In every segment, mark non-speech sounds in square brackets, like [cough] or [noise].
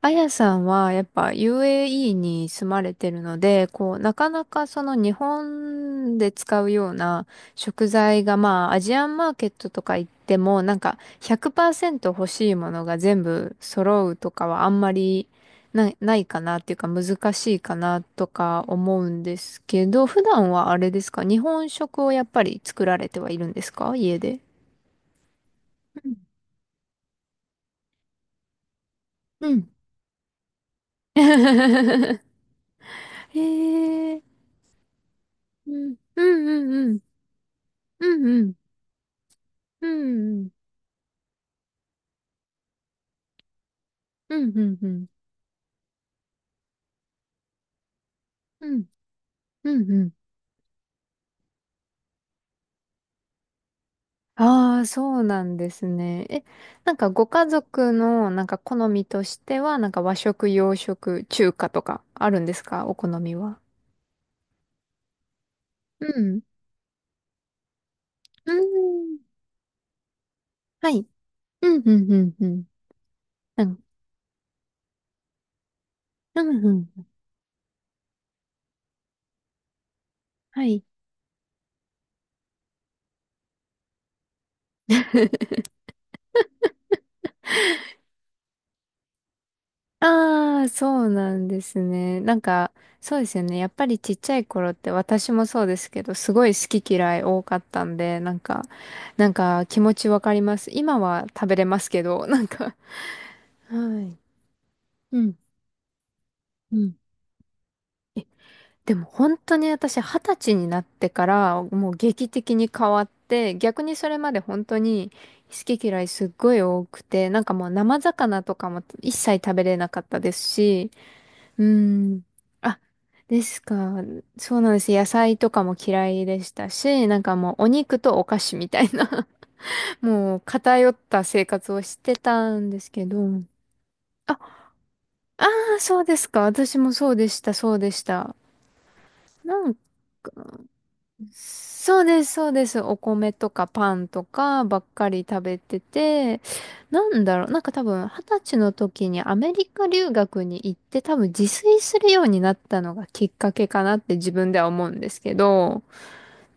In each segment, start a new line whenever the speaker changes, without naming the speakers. あやさんはやっぱ UAE に住まれてるので、こう、なかなかその日本で使うような食材が、まあアジアンマーケットとか行ってもなんか100%欲しいものが全部揃うとかはあんまりないかなっていうか難しいかなとか思うんですけど、普段はあれですか、日本食をやっぱり作られてはいるんですか、家で。うん。うん。[laughs] へえ。うん。うんうんうんうんうん。うんうん。うんうんうん。うんうんうん。ああ、そうなんですね。え、なんかご家族のなんか好みとしては、なんか和食、洋食、中華とかあるんですか、お好みは。うん。うん。はい。うんうんうんうん。うん。うんうん。はい。ああ、そうなんですね。なんか、そうですよね。やっぱりちっちゃい頃って私もそうですけど、すごい好き嫌い多かったんで、なんか、なんか気持ちわかります。今は食べれますけど、なんか。[laughs] はい。うん。うん。でも本当に私、二十歳になってからもう劇的に変わって、逆にそれまで本当に好き嫌いすっごい多くて、なんかもう生魚とかも一切食べれなかったですし、うん。あ、ですか。そうなんです。野菜とかも嫌いでしたし、なんかもうお肉とお菓子みたいな [laughs] もう偏った生活をしてたんですけど。あ、ああ、そうですか。私もそうでした、そうでした。なんかそうです、そうです。お米とかパンとかばっかり食べてて、なんだろう、なんか多分二十歳の時にアメリカ留学に行って、多分自炊するようになったのがきっかけかなって自分では思うんですけど、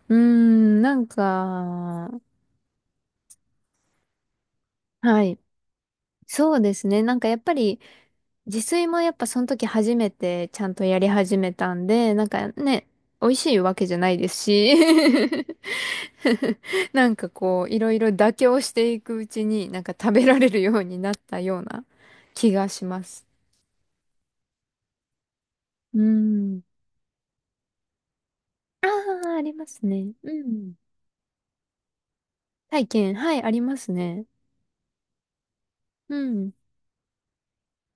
うーん、なんか、はい。そうですね。なんかやっぱり、自炊もやっぱその時初めてちゃんとやり始めたんで、なんかね、美味しいわけじゃないですし [laughs] [laughs] なんかこう、いろいろ妥協していくうちに、なんか食べられるようになったような気がします。うん。ああ、ありますね。うん。体験、はい、ありますね。うん。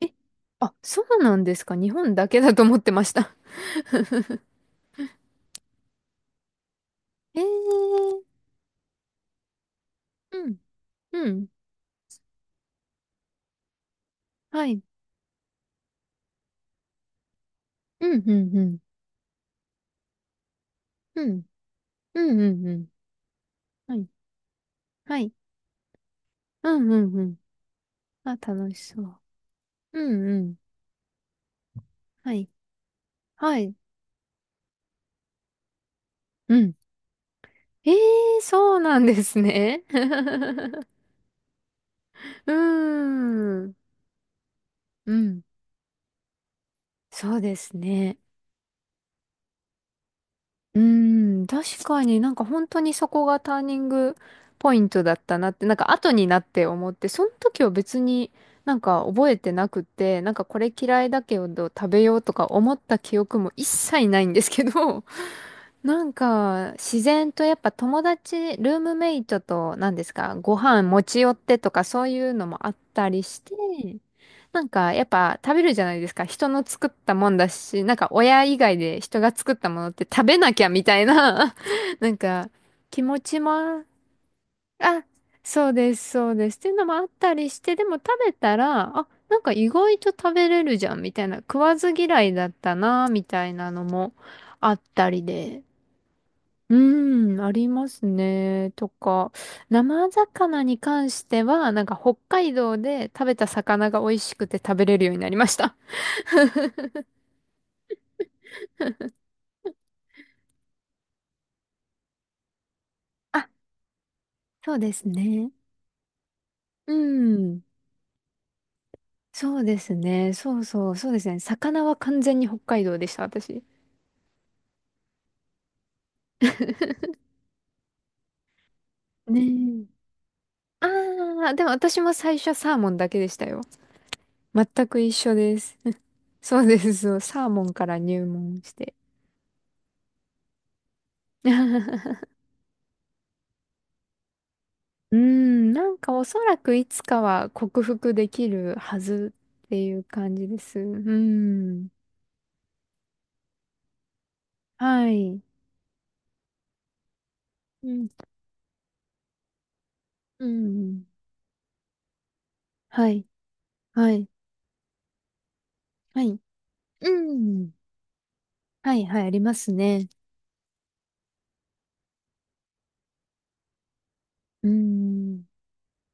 え、あ、そうなんですか。日本だけだと思ってました。[laughs] えー、うん、うん、はい、うん、うん、うん、うん、うん、うん、うん、はい、はい、うん、うん、うん、あ、楽しそう。うん、うん、はい、はい、うん。ええーそうなんですね。[laughs] うーん。うん。そうですね。うーん。確かになんか本当にそこがターニングポイントだったなって、なんか後になって思って、その時は別になんか覚えてなくて、なんかこれ嫌いだけど食べようとか思った記憶も一切ないんですけど、[laughs] なんか自然とやっぱ友達、ルームメイトと何ですか、ご飯持ち寄ってとかそういうのもあったりして、なんか、やっぱ食べるじゃないですか。人の作ったもんだし、なんか親以外で人が作ったものって食べなきゃみたいな [laughs] なんか、気持ちも、あ、そうです、そうです。っていうのもあったりして、でも食べたら、あ、なんか意外と食べれるじゃん、みたいな。食わず嫌いだったな、みたいなのもあったりで。うーん、ありますね。とか、生魚に関しては、なんか北海道で食べた魚が美味しくて食べれるようになりました。あ、そうですね。うん。そうですね。そうそう、そうですね。魚は完全に北海道でした、私。[laughs] ねえ。ああ、でも私も最初サーモンだけでしたよ。全く一緒です。[laughs] そうです、そう。サーモンから入門して。[laughs] うん、なんかおそらくいつかは克服できるはずっていう感じです。うん。はい。うん。うん。はい。はい。はい。うん。はい、はい、ありますね。うーん、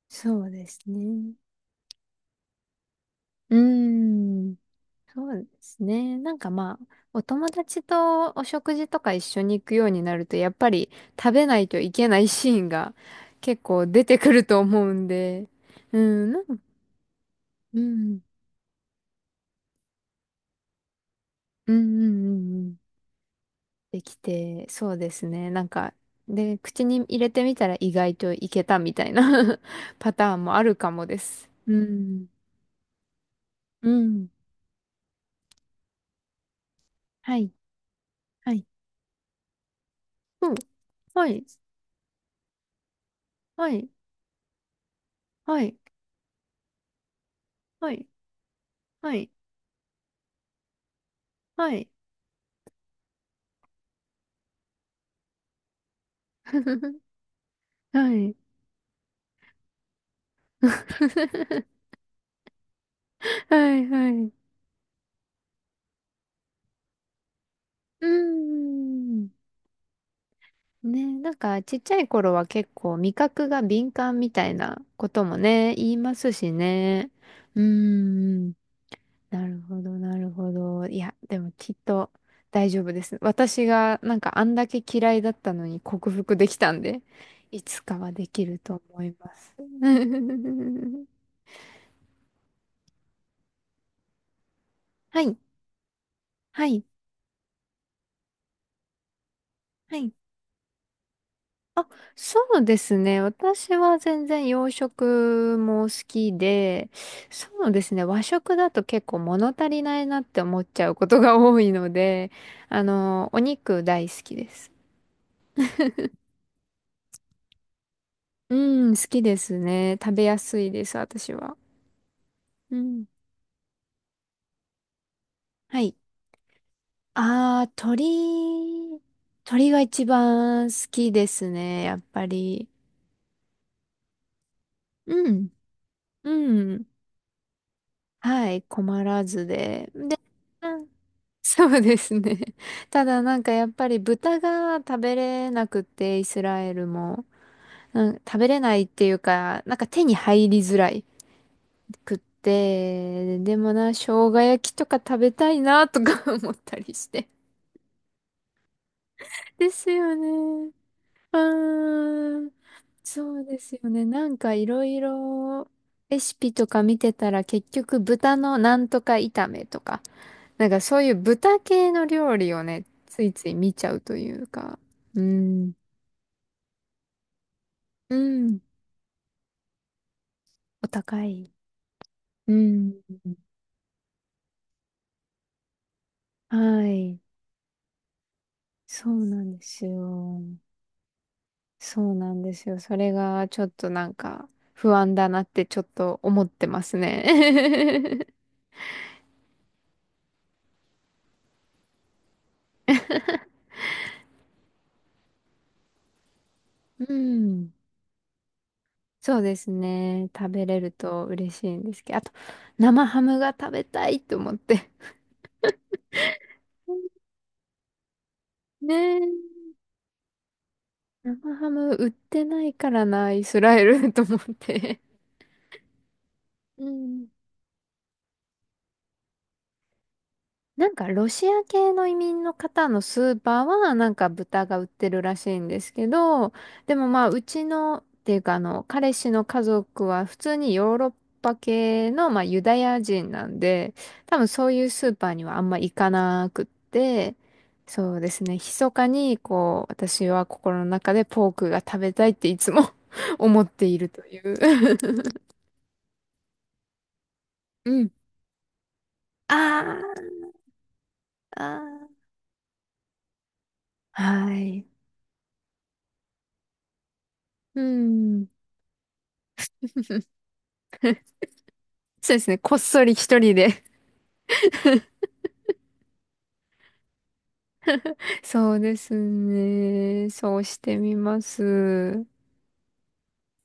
そうですね。うーん、そうですね。なんかまあ、お友達とお食事とか一緒に行くようになると、やっぱり食べないといけないシーンが [laughs] 結構出てくると思うんで、うん、なんか、うん、うん、うん、うんうん、できて、そうですね。なんか、で、口に入れてみたら意外といけたみたいな [laughs] パターンもあるかもです。うん、うん、はい、はい、うん、はい、はい。はい。はい。はい。はい。[laughs] はい。[laughs] はい。はい。[laughs] うーん。ね、なんかちっちゃい頃は結構味覚が敏感みたいなこともね、言いますしね。うーん。なるほど、なるほど。いや、でもきっと大丈夫です。私がなんかあんだけ嫌いだったのに克服できたんで、いつかはできると思います。[laughs] はい。はい。はい。あ、そうですね。私は全然洋食も好きで、そうですね。和食だと結構物足りないなって思っちゃうことが多いので、あの、お肉大好きです。うん、好きですね。食べやすいです、私は。うん。はい。あー、鳥が一番好きですね、やっぱり。うん、うん。はい、困らずで。で、[laughs] そうですね。[laughs] ただなんかやっぱり豚が食べれなくて、イスラエルも。食べれないっていうか、なんか手に入りづらいくって、でもな、生姜焼きとか食べたいなとか [laughs] 思ったりして。ですよね。うーん。そうですよね。なんかいろいろレシピとか見てたら結局豚のなんとか炒めとか、なんかそういう豚系の料理をね、ついつい見ちゃうというか。うん。うん。お高い。うん。はい。そうなんですよ。そうなんですよ。それがちょっとなんか不安だなってちょっと思ってますね。[laughs] うん。そうですね。食べれると嬉しいんですけど。あと、生ハムが食べたいと思って。ねえ。生ハム売ってないからな、イスラエル [laughs] と思って。うん。なんかロシア系の移民の方のスーパーはなんか豚が売ってるらしいんですけど、でもまあうちのっていうか、あの、彼氏の家族は普通にヨーロッパ系のまあユダヤ人なんで、多分そういうスーパーにはあんま行かなくって、そうですね、密かにこう私は心の中でポークが食べたいっていつも [laughs] 思っているという [laughs] うん。あーあー。はい。うん。そうですね。こっそり一人で [laughs] そうですね。そうしてみます。